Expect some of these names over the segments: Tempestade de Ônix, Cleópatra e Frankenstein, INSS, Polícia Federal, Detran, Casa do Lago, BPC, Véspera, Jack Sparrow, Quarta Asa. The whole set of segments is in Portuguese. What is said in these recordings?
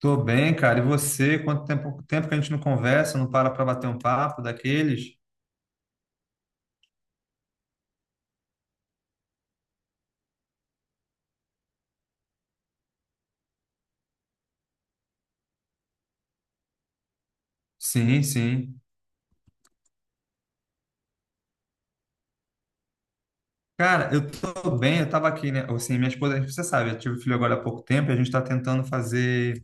Tô bem, cara. E você? Quanto tempo que a gente não conversa, não para para bater um papo daqueles? Sim, sim. Cara, eu tô bem, eu tava aqui, né? Assim, minha esposa, você sabe, eu tive filho agora há pouco tempo e a gente tá tentando fazer,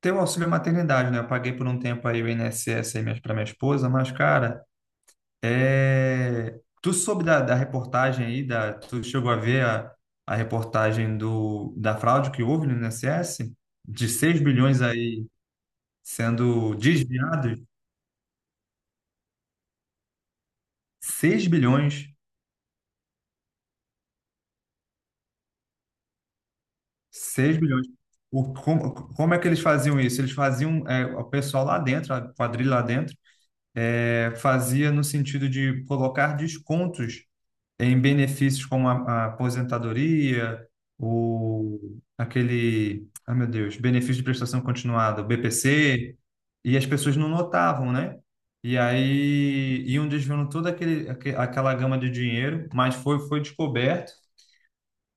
ter o auxílio maternidade, né? Eu paguei por um tempo aí o INSS aí pra minha esposa, mas, cara, Tu soube da reportagem aí, tu chegou a ver a reportagem da fraude que houve no INSS? De 6 bilhões aí sendo desviados? Seis bilhões, seis bilhões. Como é que eles faziam isso? Eles faziam, o pessoal lá dentro, a quadrilha lá dentro, fazia no sentido de colocar descontos em benefícios como a aposentadoria, o, aquele, ah meu Deus, benefício de prestação continuada, o BPC, e as pessoas não notavam, né? E aí iam desviando toda aquele, aquela gama de dinheiro, mas foi descoberto.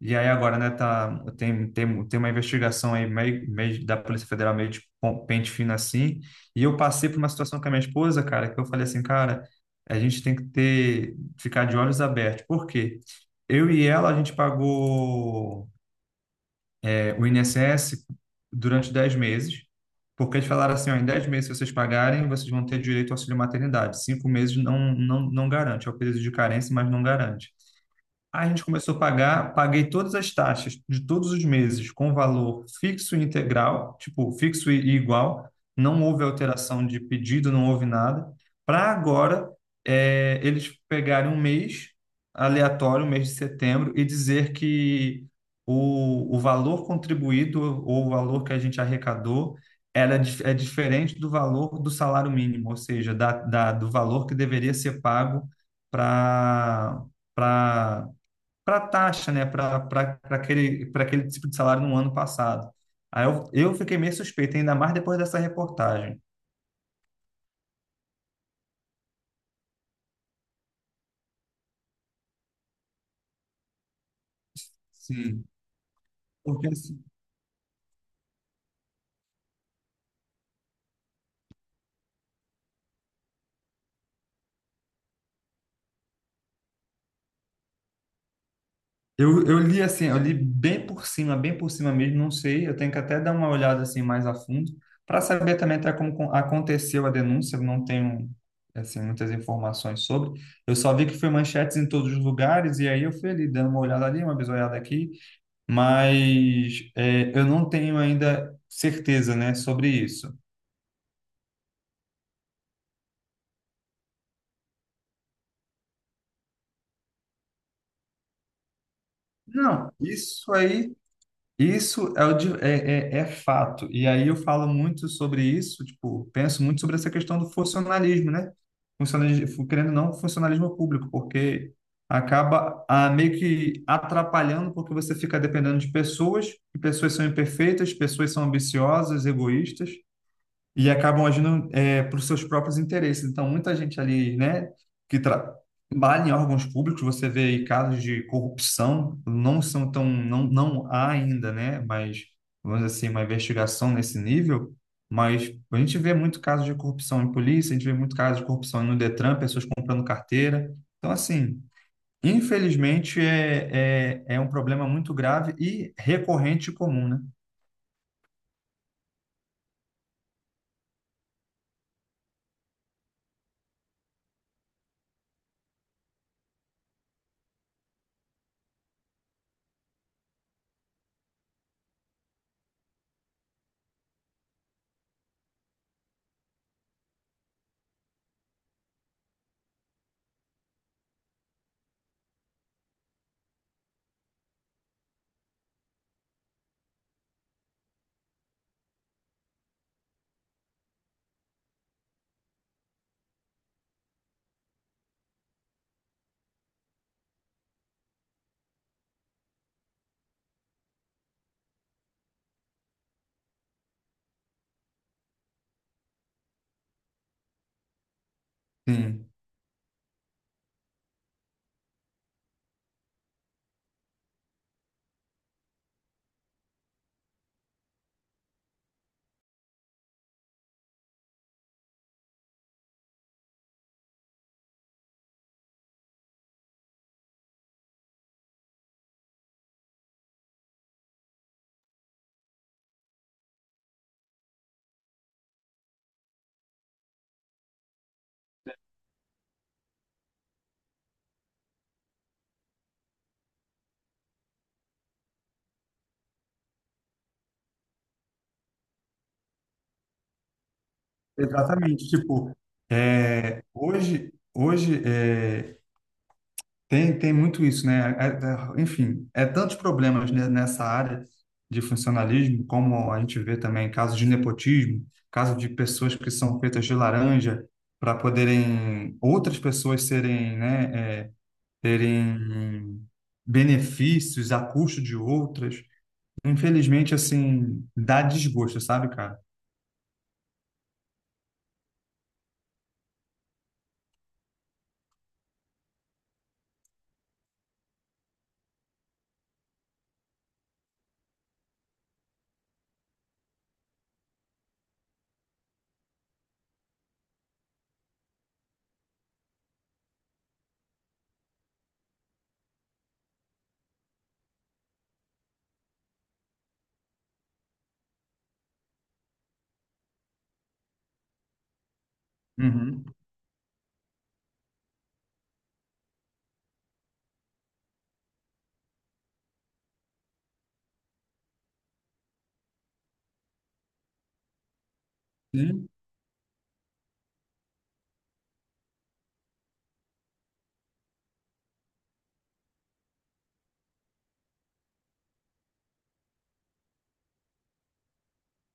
E aí agora, né, tá, tem uma investigação aí meio da Polícia Federal meio de pente fino assim, e eu passei por uma situação com a minha esposa, cara, que eu falei assim, cara, a gente tem que ter, ficar de olhos abertos. Por quê? Eu e ela, a gente pagou o INSS durante 10 meses, porque eles falaram assim, ó, em 10 meses, se vocês pagarem, vocês vão ter direito ao auxílio maternidade. Cinco meses não garante, é o período de carência, mas não garante. Aí a gente começou a pagar, paguei todas as taxas de todos os meses com valor fixo e integral, tipo, fixo e igual, não houve alteração de pedido, não houve nada, para agora eles pegarem um mês aleatório, um mês de setembro, e dizer que o valor contribuído ou o valor que a gente arrecadou era, é diferente do valor do salário mínimo, ou seja, do valor que deveria ser pago para para a taxa, né, para aquele, pra aquele tipo de salário no ano passado. Aí eu fiquei meio suspeito, ainda mais depois dessa reportagem. Sim. Porque assim, eu li assim, eu li bem por cima mesmo, não sei, eu tenho que até dar uma olhada assim mais a fundo, para saber também até como aconteceu a denúncia, eu não tenho assim muitas informações sobre. Eu só vi que foi manchetes em todos os lugares e aí eu fui ali dando uma olhada ali, uma bisoiada aqui, mas é, eu não tenho ainda certeza, né, sobre isso. Não, isso aí, isso é, é fato. E aí eu falo muito sobre isso, tipo, penso muito sobre essa questão do funcionalismo, né? Funcionalismo, querendo ou não, funcionalismo público, porque acaba ah, meio que atrapalhando, porque você fica dependendo de pessoas, e pessoas são imperfeitas, pessoas são ambiciosas, egoístas. E acabam agindo para os seus próprios interesses. Então, muita gente ali, né, que trabalha em órgãos públicos, você vê aí casos de corrupção, não são tão, não há ainda, né, mas, vamos dizer assim, uma investigação nesse nível, mas a gente vê muito casos de corrupção em polícia, a gente vê muito casos de corrupção no Detran, pessoas comprando carteira. Então, assim, infelizmente, é um problema muito grave e recorrente e comum, né? Sim. Exatamente, tipo, é, tem muito isso, né? Enfim, é tantos problemas nessa área de funcionalismo, como a gente vê também casos de nepotismo, caso de pessoas que são feitas de laranja para poderem outras pessoas serem, né, é, terem benefícios a custo de outras. Infelizmente, assim, dá desgosto, sabe, cara? Uhum. Sim,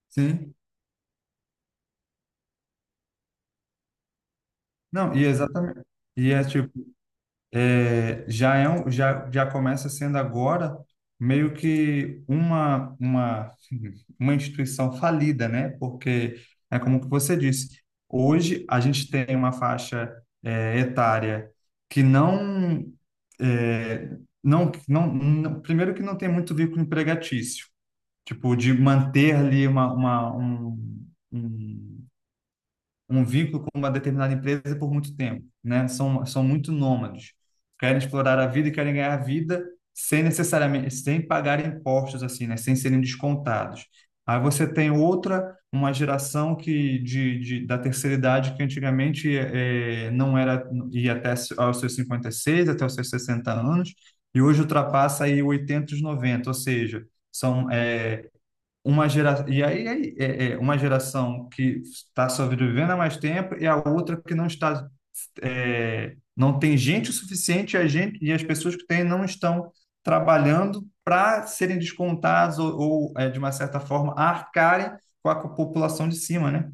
sim. Não, e exatamente. E é tipo, é, já é um, já, já começa sendo agora meio que uma instituição falida, né? Porque é como que você disse, hoje a gente tem uma faixa etária que não, é, primeiro que não tem muito vínculo empregatício, tipo, de manter ali um- um vínculo com uma determinada empresa por muito tempo, né? São muito nômades. Querem explorar a vida e querem ganhar a vida sem necessariamente, sem pagar impostos, assim, né? Sem serem descontados. Aí você tem outra, uma geração que da terceira idade que antigamente não era, ia até aos seus 56 até os seus 60 anos, e hoje ultrapassa aí 80, 90, ou seja, são, uma gera e é uma geração que está sobrevivendo há mais tempo e a outra que não está é, não tem gente o suficiente e a gente e as pessoas que têm não estão trabalhando para serem descontadas de uma certa forma arcarem com a população de cima, né?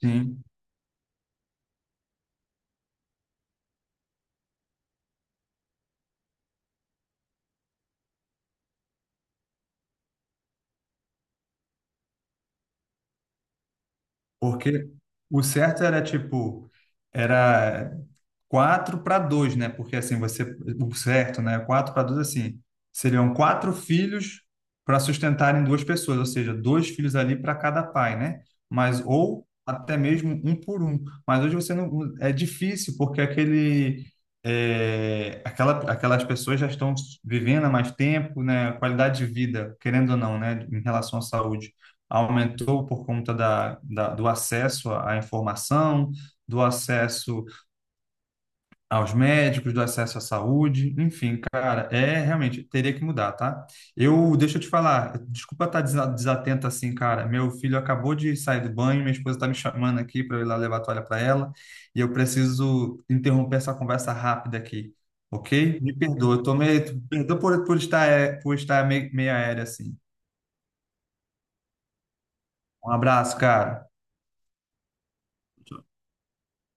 Sim. Porque o certo era tipo era quatro para dois, né? Porque assim, você, o certo, né? Quatro para dois, assim, seriam quatro filhos para sustentarem duas pessoas, ou seja, dois filhos ali para cada pai, né? Mas, ou até mesmo um por um. Mas hoje você não, é difícil, porque aquele, é, aquelas pessoas já estão vivendo há mais tempo, né? A qualidade de vida, querendo ou não, né? Em relação à saúde, aumentou por conta do acesso à informação, do acesso aos médicos, do acesso à saúde, enfim, cara, é realmente teria que mudar, tá? Deixa eu te falar, desculpa estar desatento assim, cara. Meu filho acabou de sair do banho, minha esposa tá me chamando aqui para eu ir lá levar a toalha para ela, e eu preciso interromper essa conversa rápida aqui, ok? Me perdoa, eu tô meio, perdoa por estar, é, por estar meio, meio aéreo assim. Um abraço, cara.